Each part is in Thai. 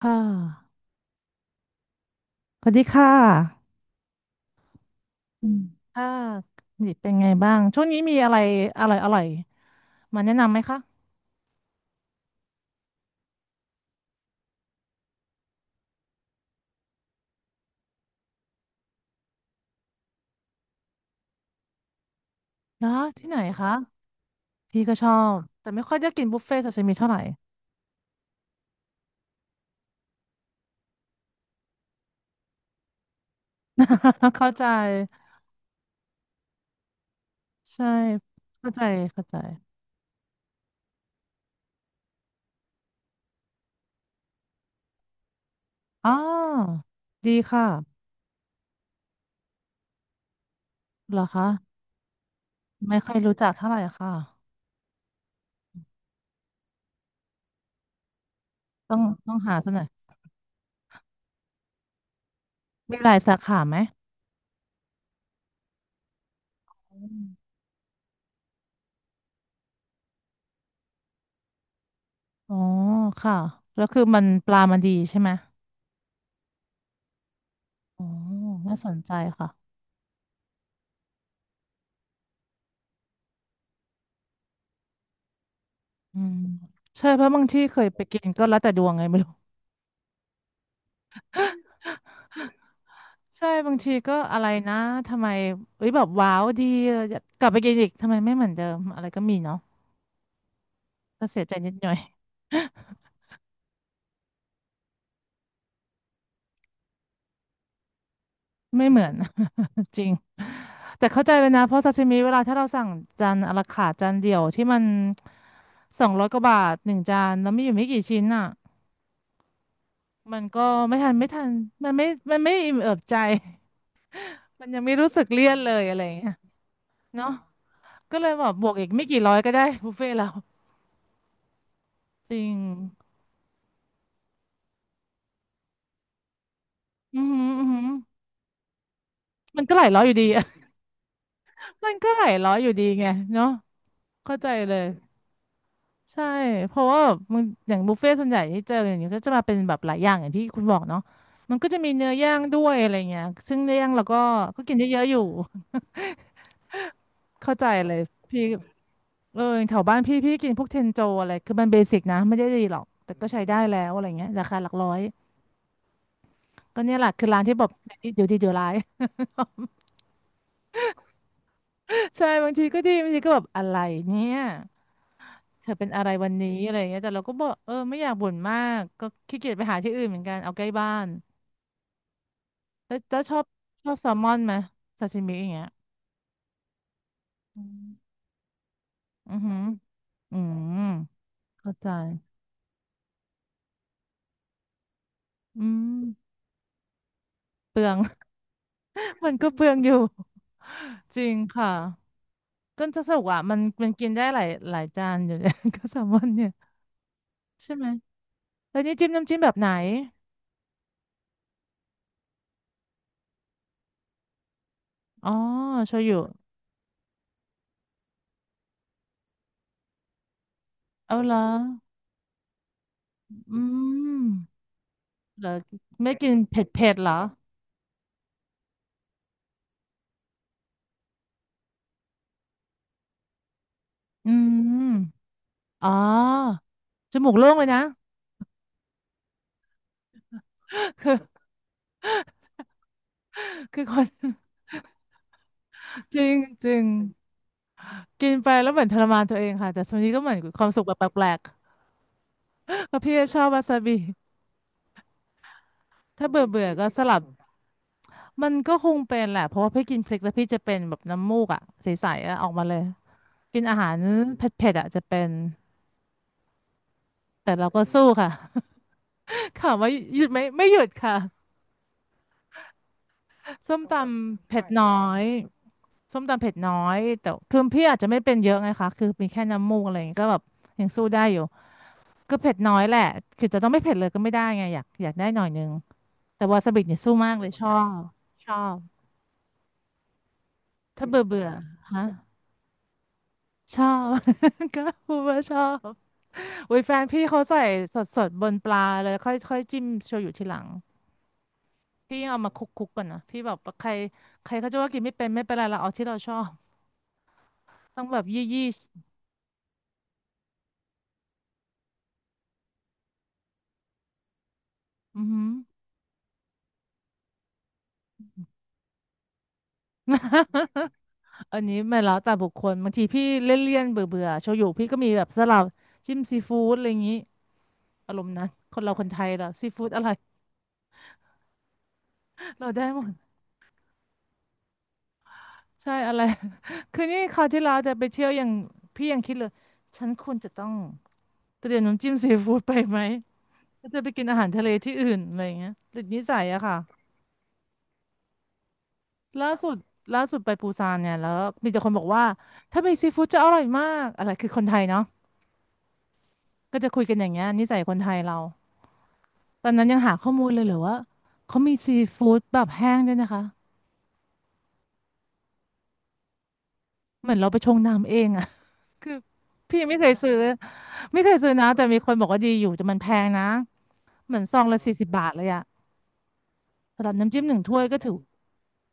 ค่ะสวัสดีค่ะค่ะนี่เป็นไงบ้าง ช่วงนี้มีอะไรอร่อยอร่อยมาแนะนำไหมคะนะที่ไหนคะ พี่ก็ชอบ แต่ไม่ค่อยได้กินบุฟเฟ่ต์ซาซิมิเท่าไหร่ เข้าใจ ใช่ เข้าใจเข้าใจอ๋อดีค่ะเหรอคะ ไม่ค่อยรู้จักเท่าไหร่ค่ะต้องต้องหาสักหน่อยมีหลายสาขาไหมอมอ๋อค่ะ แล้วคือมันปลามันดีใช่ไหม อ๋อน่าสนใจค่ะ อืมใช่เพราะบางที่เคยไปกินก็แล้วแต่ดวงไงไม่รู้ ใช่บางทีก็อะไรนะทำไมเอ้ยแบบว้าวดีอยากกลับไปกินอีกทำไมไม่เหมือนเดิมอะไรก็มีเนาะก็เสียใจนิดหน่อย ไม่เหมือน จริงแต่เข้าใจเลยนะเพราะซาซิมิเวลาถ้าเราสั่งจานอะลาคาร์ทจานเดียวที่มัน200 กว่าบาทหนึ่งจานแล้วมีอยู่ไม่กี่ชิ้นอ่ะมันก็ไม่ทันไม่ทันมันไม่มันไม่อิ่มเอิบใจ มันยังไม่รู้สึกเลี่ยนเลยอะไรอย่างเงี้ยเนาะ ก็เลยแบบบวกอีกไม่กี่ร้อยก็ได้บุฟเฟ่ต์เราจริงอือหืออือหือมันก็หลายร้อยอยู่ดีอะ มันก็หลายร้อยอยู่ดีไงเนาะเข้าใจเลยใช่เพราะว่ามันอย่างบุฟเฟ่ต์ส่วนใหญ่ที่เจออย่างเงี้ยก็จะมาเป็นแบบหลายอย่างอย่างที่คุณบอกเนาะมันก็จะมีเนื้อย่างด้วยอะไรเงี้ยซึ่งเนื้อย่างเราก็กินเยอะๆอยู่เข้าใจเลยพี่เออแถวบ้านพี่กินพวกเทนโจอะไรคือมันเบสิกนะไม่ได้ดีหรอกแต่ก็ใช้ได้แล้วอะไรเงี้ยราคาหลักร้อยก็เนี่ยแหละคือร้านที่แบบเดี๋ยวดีเดี๋ยวร้าย ใช่บางทีก็ดีบางทีก็แบบอะไรเนี่ยเธอเป็นอะไรวันนี้อะไรอย่างเงี้ยแต่เราก็บอกเออไม่อยากบ่นมากก็ขี้เกียจไปหาที่อื่นเหมือนกันเอาใกล้บ้านแล้วชอบแซลมอนไหมซาชิมิอย่างเงี้ยอืมอือหืออืมเข้าใจอืมเปลือง มันก็เปลืองอยู่จริงค่ะก็จะสนุกอ่ะมันกินได้หลายจานอยู่เลย ก็แซลมอนเนี่ยใช่ไหมแล้วนี่จิ้มน้ำจิ้มแบบไหนอ๋อโชยุเอาเหรอ อืมเหรอไม่กินเผ็ดเผ็ดเหรออืมอ๋อจมูกโล่งเลยนะ คือคนจริงจริงกินไปแล้วเหมือนทรมานตัวเองค่ะแต่ส่วนนี้ก็เหมือนความสุขแบบแปลกๆเพราะพี่ชอบวาซาบิถ้าเบื่อเบื่อก็สลับมันก็คงเป็นแหละเพราะว่าพี่กินพริกแล้วพี่จะเป็นแบบน้ำมูกอ่ะใสๆอะออกมาเลยกินอาหารเผ็ดๆอ่ะจะเป็นแต่เราก็สู้ค่ะ ค่ะว่าหยุดไหมไม่หยุดค่ะส้มตำเผ็ดน้อย ส้มตำเผ็ดน้อยแต่คือพี่อาจจะไม่เป็นเยอะไงคะคือมีแค่น้ำมูกอะไรอย่างงี้ก็แบบยังสู้ได้อยู่ก็เผ็ดน้อยแหละคือจะต้องไม่เผ็ดเลยก็ไม่ได้ไงอยากได้หน่อยนึงแต่วาซาบิเนี่ยสู้มากเลยชอบชอบถ้าเบื่อเบื่อฮะชอบ ก็พูดว่าชอบอุ้ยแฟนพี่เขาใส่สดสดบนปลาเลยค่อยค่อยจิ้มโชยุทีหลังพี่ยังเอามาคลุกคุกก่อนนะพี่แบบใครใครเขาจะว่ากินไม่เป็นไม่เป็นไรเราเอาที่เราชอบต้องแบบยี่ยี่อือหือ อันนี้ไม่แล้วแต่บุคคลบางทีพี่เลี่ยนๆเบื่อเบื่อโชยุพี่ก็มีแบบสลับจิ้มซีฟู้ดอะไรอย่างนี้อารมณ์นั้นคนเราคนไทยเหรอซีฟู้ดอะไรเราได้หมดใช่อะไร คือนี่คราวที่เราจะไปเที่ยวอยางพี่ยังคิดเลยฉันควรจะต้องเตรียมน้ำจิ้มซีฟู้ดไปไหมก็จะไปกินอาหารทะเลที่อื่นอะไรอย่างเงี้ยติดนิสัยอะค่ะล่าสุดล่าสุดไปปูซานเนี่ยแล้วมีแต่คนบอกว่าถ้ามีซีฟู้ดจะอร่อยมากอะไรคือคนไทยเนาะก็จะคุยกันอย่างเงี้ยนิสัยคนไทยเรา ตอนนั้นยังหาข้อมูลเลยเหรือว่าเขามีซีฟู้ดแบบแห้งด้วยนะคะเหมือนเราไปชงน้ำเองอะ คือพี่ไม่เคยซื้อไม่เคยซื้อนะแต่มีคนบอกว่าดีอยู่แต่มันแพงนะเหมือนซองละ40 บาทเลยอะสำหรับน้ำจิ้มหนึ่งถ้วยก็ถือ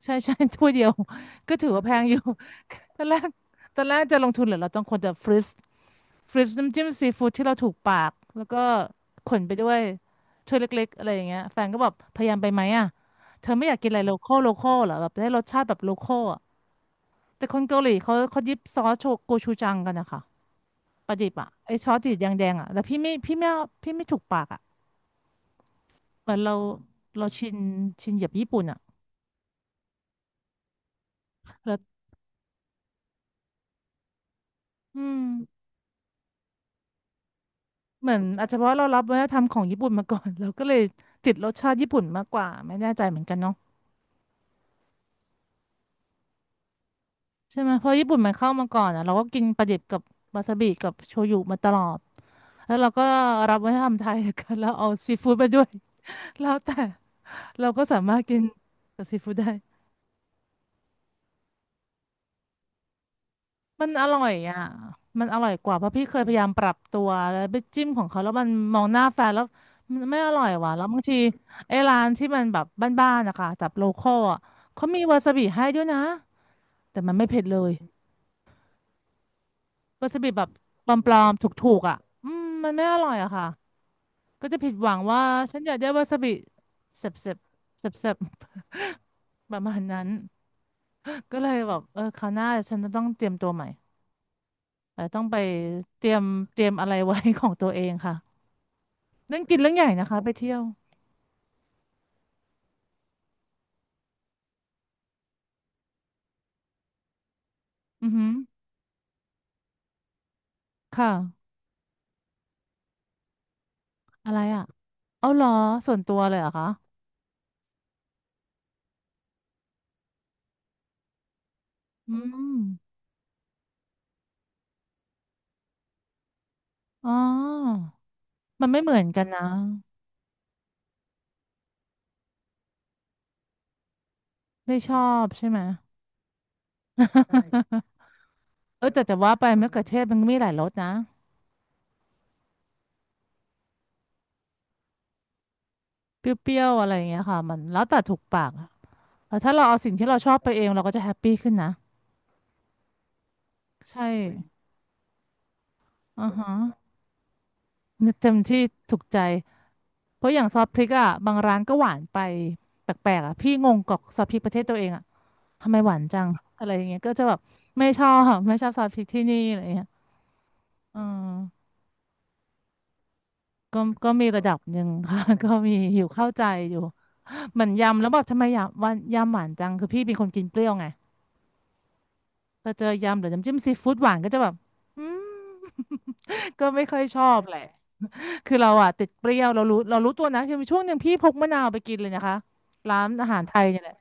ใช่ใช่ถ้วยเดียว ก็ถือว่าแพงอยู่ ตอนแรกตอนแรกจะลงทุนเหรือเราต้องคนจะฟรีซน้ำจิ้มซีฟู้ดที่เราถูกปากแล้วก็ขนไปด้วยถ้วยเล็กๆอะไรอย่างเงี้ยแฟนก็แบบพยายามไปไหมอะเธอไม่อยากกินอะไรโลคอลเหรอแบบได้รสชาติแบบโลคอล แต่คนเกาหลีเขายิบซอสโชโกชูจังกันนะคะปลาดิบอ่ะไอซอสติดแดงๆอ่ะแต่พี่ไม่เอาพี่ไม่ถูกปากอ่ะเหมือนเราชินแบบญี่ปุ่นอ่ะแล้วอืมเหมือนอาจจะเพราะเรารับวัฒนธรรมของญี่ปุ่นมาก่อน เราก็เลยติดรสชาติญี่ปุ่นมากกว่าไม่แน่ใจเหมือนกันเนาะใช่ไหมเพราะญี่ปุ่นมันเข้ามาก่อนอ่ะเราก็กินปลาดิบกับวาซาบิกับโชยุมาตลอดแล้วเราก็รับวัฒนธรรมไทย กันแล้วเอาซีฟู้ดมาด้วย แล้วแต่เราก็สามารถกินกับซีฟู้ดได้ มันอร่อยอ่ะมันอร่อยกว่าเพราะพี่เคยพยายามปรับตัวแล้วไปจิ้มของเขาแล้วมันมองหน้าแฟนแล้วมันไม่อร่อยว่ะแล้วบางทีไอ้ร้านที่มันแบบบ้านๆนะคะแบบโลคอลอ่ะเขามีวาซาบิให้ด้วยนะแต่มันไม่เผ็ดเลยวาซาบิแบบปลอมๆถูกๆอ่ะอืมมันไม่อร่อยอะค่ะก็จะผิดหวังว่าฉันอยากได้วาซาบิเสบเสบเสบๆ ประมาณนั้นก็เลยแบบเออคราวหน้าฉันจะต้องเตรียมตัวใหม่เออต้องไปเตรียมเตรียมอะไรไว้ ของตัวเองค่ะ เรื่องกินเรื่องใหญ่นะคะไปเที่ยวอือหือค่ะ อะไรอ่ะเอาเหรอส่วนตัวเลยเหรอคะ อืมอ๋อมันไม่เหมือนกันนะ ไม่ชอบใช่ไหม ใช่เออแต่จะว่าไปมะเขือเทศมันก็มีหลายรสนะเปรี้ยวๆอะไรอย่างเงี้ยค่ะมันแล้วแต่ถูกปากอะแต่ถ้าเราเอาสิ่งที่เราชอบไปเองเราก็จะแฮปปี้ขึ้นนะใช่อือฮะเนี่ยเต็มที่ถูกใจ เพราะอย่างซอสพริกอ่ะบางร้านก็หวานไปแปลกๆอ่ะพี่งงกับซอสพริกประเทศตัวเองอ่ะ ทำไมหวานจังอะไรอย่างเงี้ยก็จะแบบไม่ชอบ ไม่ชอบซอสพริกที่นี่อะไรอย่างเงี้ยเอืมก็ก็มีระดับหนึ่ง ค่ะ ก็มีอยู่เข้าใจอยู่เหมือนยำแล้วแบบทำไมยำวันยำหวานจังคือพี่เป็นคนกินเปรี้ยวไงพอเจอยำหรือน้ำจิ้มซีฟู้ดหวานก็จะแบบอืม ก็ไม่ค่อยชอบแหละคือเราอะติดเปรี้ยวเรารู้ตัวนะคือมีช่วงหนึ่งพี่พกมะนาวไปกินเลยนะคะร้านอาหารไทยเนี่ยแหละ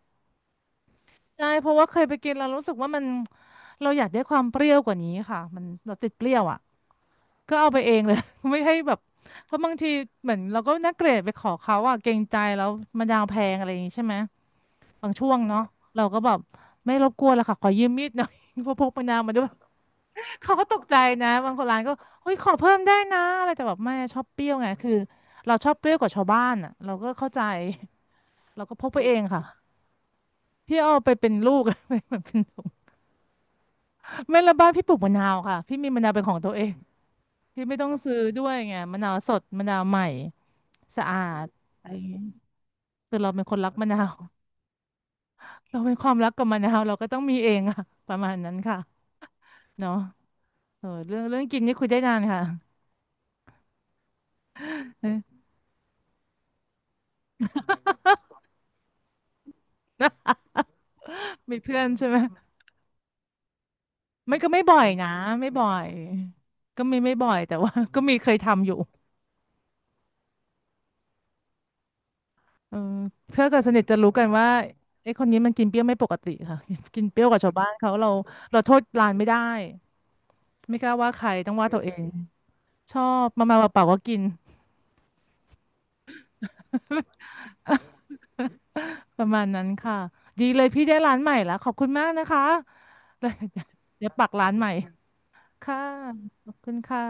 ใช่เพราะว่าเคยไปกินเรารู้สึกว่ามันเราอยากได้ความเปรี้ยวกว่านี้ค่ะมันเราติดเปรี้ยวอ่ะ ก็เอาไปเองเลย ไม่ให้แบบเพราะบางทีเหมือนเราก็นักเกรดไปขอเขาอะเกรงใจแล้วมันดาวแพงอะไรอย่างงี้ใช่ไหมบางช่วงเนาะเราก็แบบไม่รบกวนละค่ะขอยืมมีดหน่อย เพราะพกมะนาวมาด้วย เขาก็ตกใจนะบางคนร้านก็เฮ้ยขอเพิ่มได้นะอะไรแต่แบบไม่ชอบเปรี้ยวไงคือเราชอบเปรี้ยวกว่าชาวบ้านอะเราก็เข้าใจ เราก็พกไปเองค่ะพี่เอาไปเป็นลูก ไม่เหมือนเป็นถุงไม่ละบ้านพี่ปลูกมะนาวค่ะพี่มีมะนาวเป็นของตัวเองพี่ไม่ต้องซื้อด้วยไงมะนาวสดมะนาวใหม่ สะอาดอะไรอย่างเงี้ยคือเราเป็นคนรักมะนาว เราเป็นความรักกับมะนาวเราก็ต้องมีเองอะประมาณนั้นค่ะเนาะเออเรื่องกินนี่คุยได้นานค่ะ เออมีเพื่อนใช่ไหมไม่ก็ไม่บ่อยนะไม่บ่อยก็มีไม่บ่อยแต่ว่า ก็มีเคยทำอยู่เออเพื่อนกับสนิทจะรู้กันว่าไอ้คนนี้มันกินเปรี้ยวไม่ปกติค่ะ กินเปรี้ยวกว่าชาวบ้านเขาเราโทษร้านไม่ได้ไม่กล้าว่าใครต้องว่าตัวเองชอบมาเปล่าๆก็กิน ประมาณนั้นค่ะดีเลยพี่ได้ร้านใหม่แล้วขอบคุณมากนะคะ เดี๋ยวปักร้านใหม่ค่ะขอบคุณค่ะ